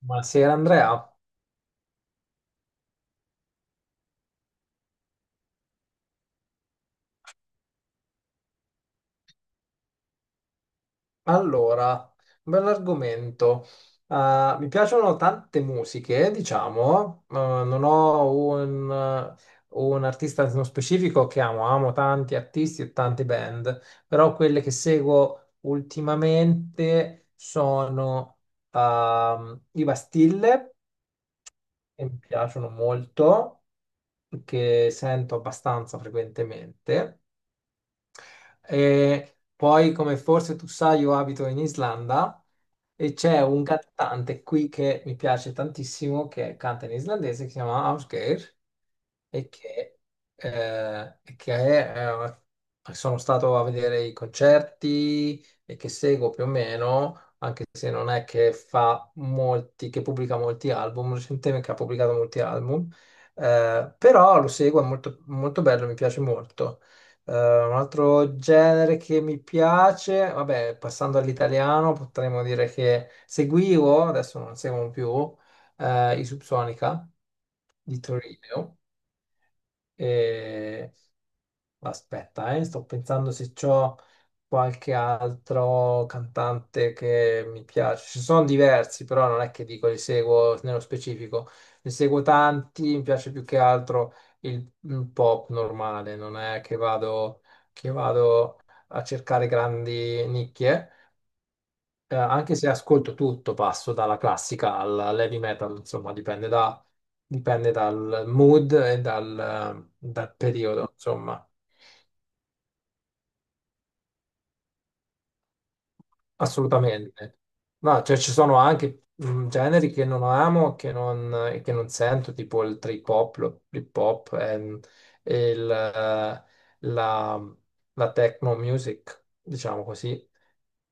Buonasera Andrea. Allora, un bell'argomento. Mi piacciono tante musiche, diciamo. Non ho un, un artista nello specifico che amo. Amo tanti artisti e tante band, però quelle che seguo ultimamente sono i Bastille, che mi piaciono molto, che sento abbastanza frequentemente. E poi, come forse tu sai, io abito in Islanda e c'è un cantante qui che mi piace tantissimo, che canta in islandese, che si chiama Ausgeir, e che, e che, sono stato a vedere i concerti e che seguo più o meno se non è che fa molti, che pubblica molti album, recentemente che ha pubblicato molti album, però lo seguo, è molto, molto bello, mi piace molto. Un altro genere che mi piace, vabbè, passando all'italiano, potremmo dire che seguivo, adesso non seguo più, i Subsonica di Torino. E aspetta, sto pensando se c'ho qualche altro cantante che mi piace. Ci sono diversi, però non è che dico li seguo nello specifico. Ne seguo tanti, mi piace più che altro il, il pop normale, non è che vado a cercare grandi nicchie. Anche se ascolto tutto, passo dalla classica all'heavy metal, insomma, dipende dal mood e dal periodo, insomma. Assolutamente. No, cioè ci sono anche generi che non amo che non, e che non sento, tipo il trip hop, l'hip hop, e la, la techno music, diciamo così,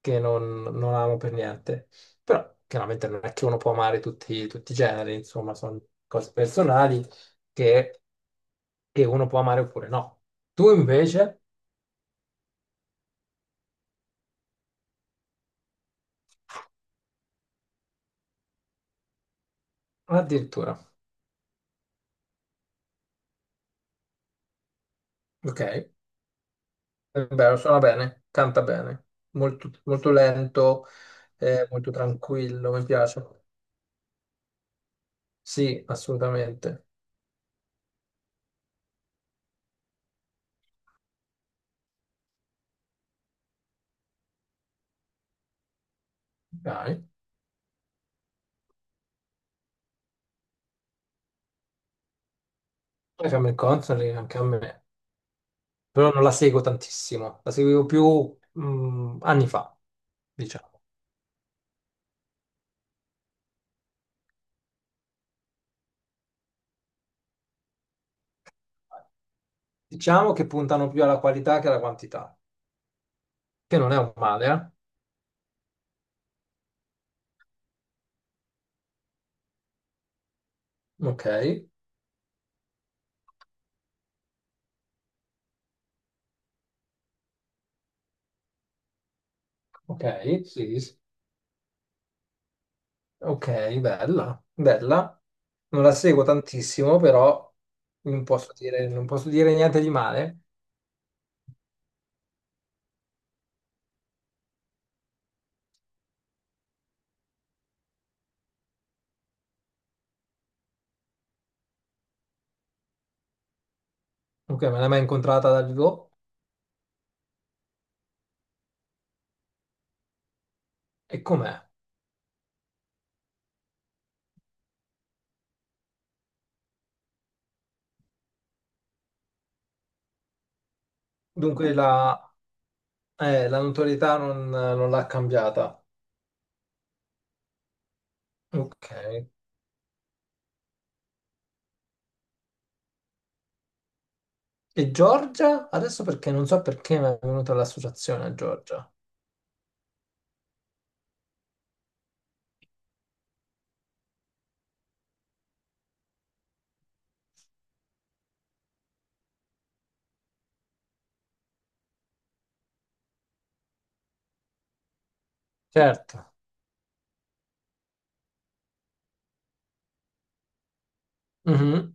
che non, non amo per niente. Però chiaramente non è che uno può amare tutti i generi, insomma, sono cose personali che, che uno può amare oppure no. Tu invece, addirittura, ok. È vero, suona bene, canta bene, molto, molto lento, molto tranquillo, mi piace. Sì, assolutamente. Dai, poi Carmen Consoli anche a me, però non la seguo tantissimo, la seguivo più anni fa, diciamo. Diciamo che puntano più alla qualità che alla quantità, che non è un male, eh? Ok, ok, sì, sì. Ok, bella, bella. Non la seguo tantissimo, però non posso dire niente di male. Ok, me l'hai mai incontrata dal vivo? E com'è? Dunque la, la notorietà non l'ha cambiata. Ok. E Giorgia? Adesso perché non so perché mi è venuta l'associazione a Giorgia. Certo. Mhm.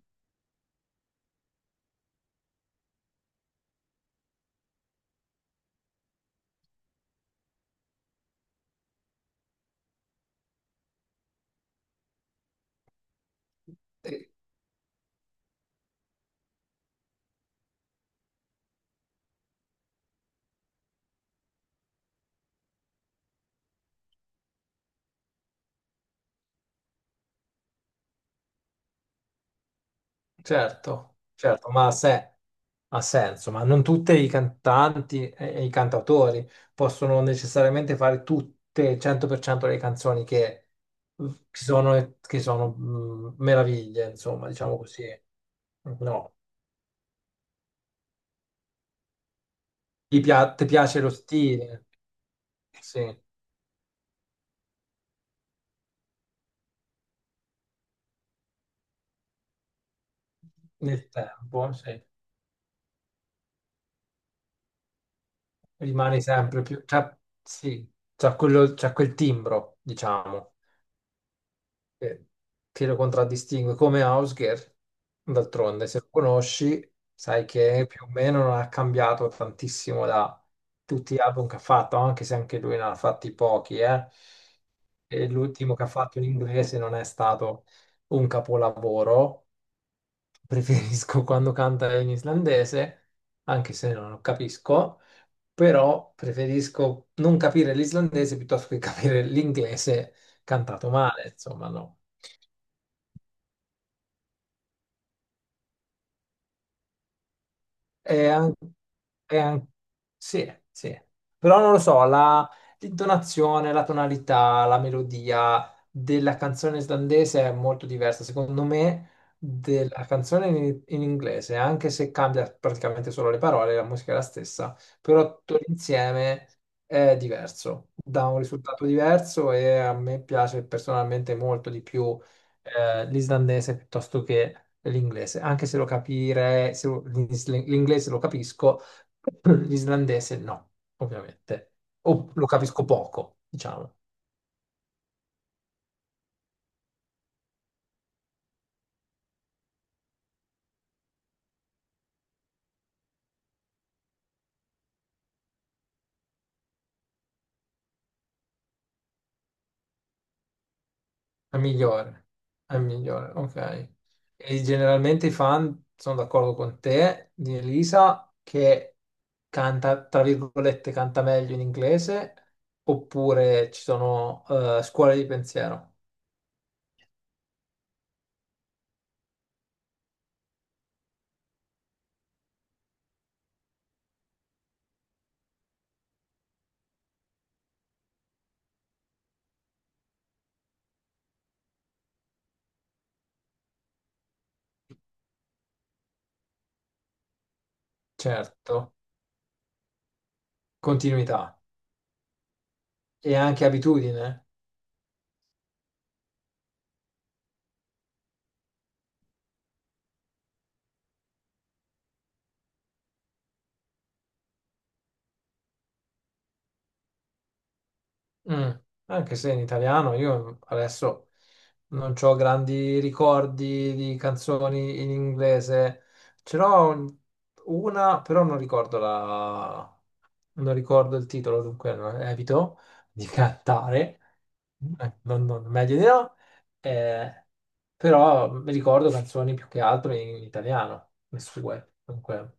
Certo, certo, ha senso, ma non tutti i cantanti e i cantautori possono necessariamente fare tutte il 100% delle canzoni che sono, meraviglie, insomma, diciamo così. No, ti piace lo stile, sì, nel tempo, sì. Rimani sempre più, cioè, sì, c'ha quel timbro, diciamo. Eh, che lo contraddistingue come Hausger. D'altronde, se lo conosci, sai che più o meno non ha cambiato tantissimo da tutti gli album che ha fatto, anche se anche lui ne ha fatti pochi, eh. E l'ultimo che ha fatto in inglese non è stato un capolavoro. Preferisco quando canta in islandese, anche se non lo capisco, però preferisco non capire l'islandese piuttosto che capire l'inglese cantato male, insomma, no. È an- è an- sì, sì. Però non lo so, l'intonazione, la tonalità, la melodia della canzone islandese è molto diversa, secondo me, della canzone in inglese, anche se cambia praticamente solo le parole, la musica è la stessa, però tutto l'insieme è diverso, dà un risultato diverso e a me piace personalmente molto di più l'islandese piuttosto che l'inglese, anche se lo capire, se lo- l'is- l'inglese lo capisco, l'islandese no, ovviamente. O lo capisco poco, diciamo. È migliore, è migliore, ok. E generalmente i fan sono d'accordo con te, di Elisa, che canta, tra virgolette, canta meglio in inglese, oppure ci sono scuole di pensiero, certo, continuità e anche abitudine. Mm, anche se in italiano io adesso non ho grandi ricordi di canzoni in inglese, ce n'ho un- una, però non ricordo la... non ricordo il titolo, dunque no, evito di cantare. Meglio di no. Eh, però mi ricordo canzoni più che altro in italiano, le sue, dunque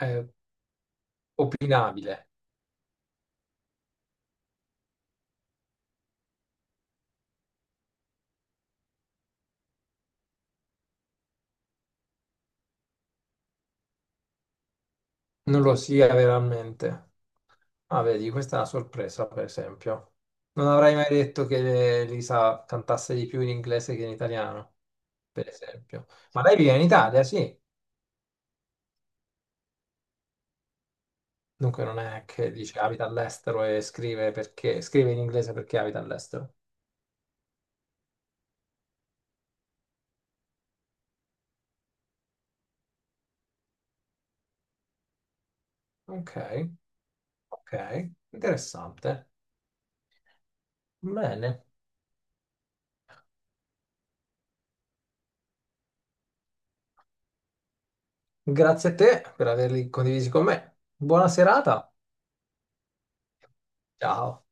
è opinabile, non lo sia veramente. Ah, vedi, questa è una sorpresa, per esempio. Non avrei mai detto che Lisa cantasse di più in inglese che in italiano, per esempio. Ma lei vive in Italia, sì. Dunque non è che dice abita all'estero e scrive perché scrive in inglese perché abita all'estero. Ok, ok, interessante. Bene. Grazie a te per averli condivisi con me. Buona serata. Ciao.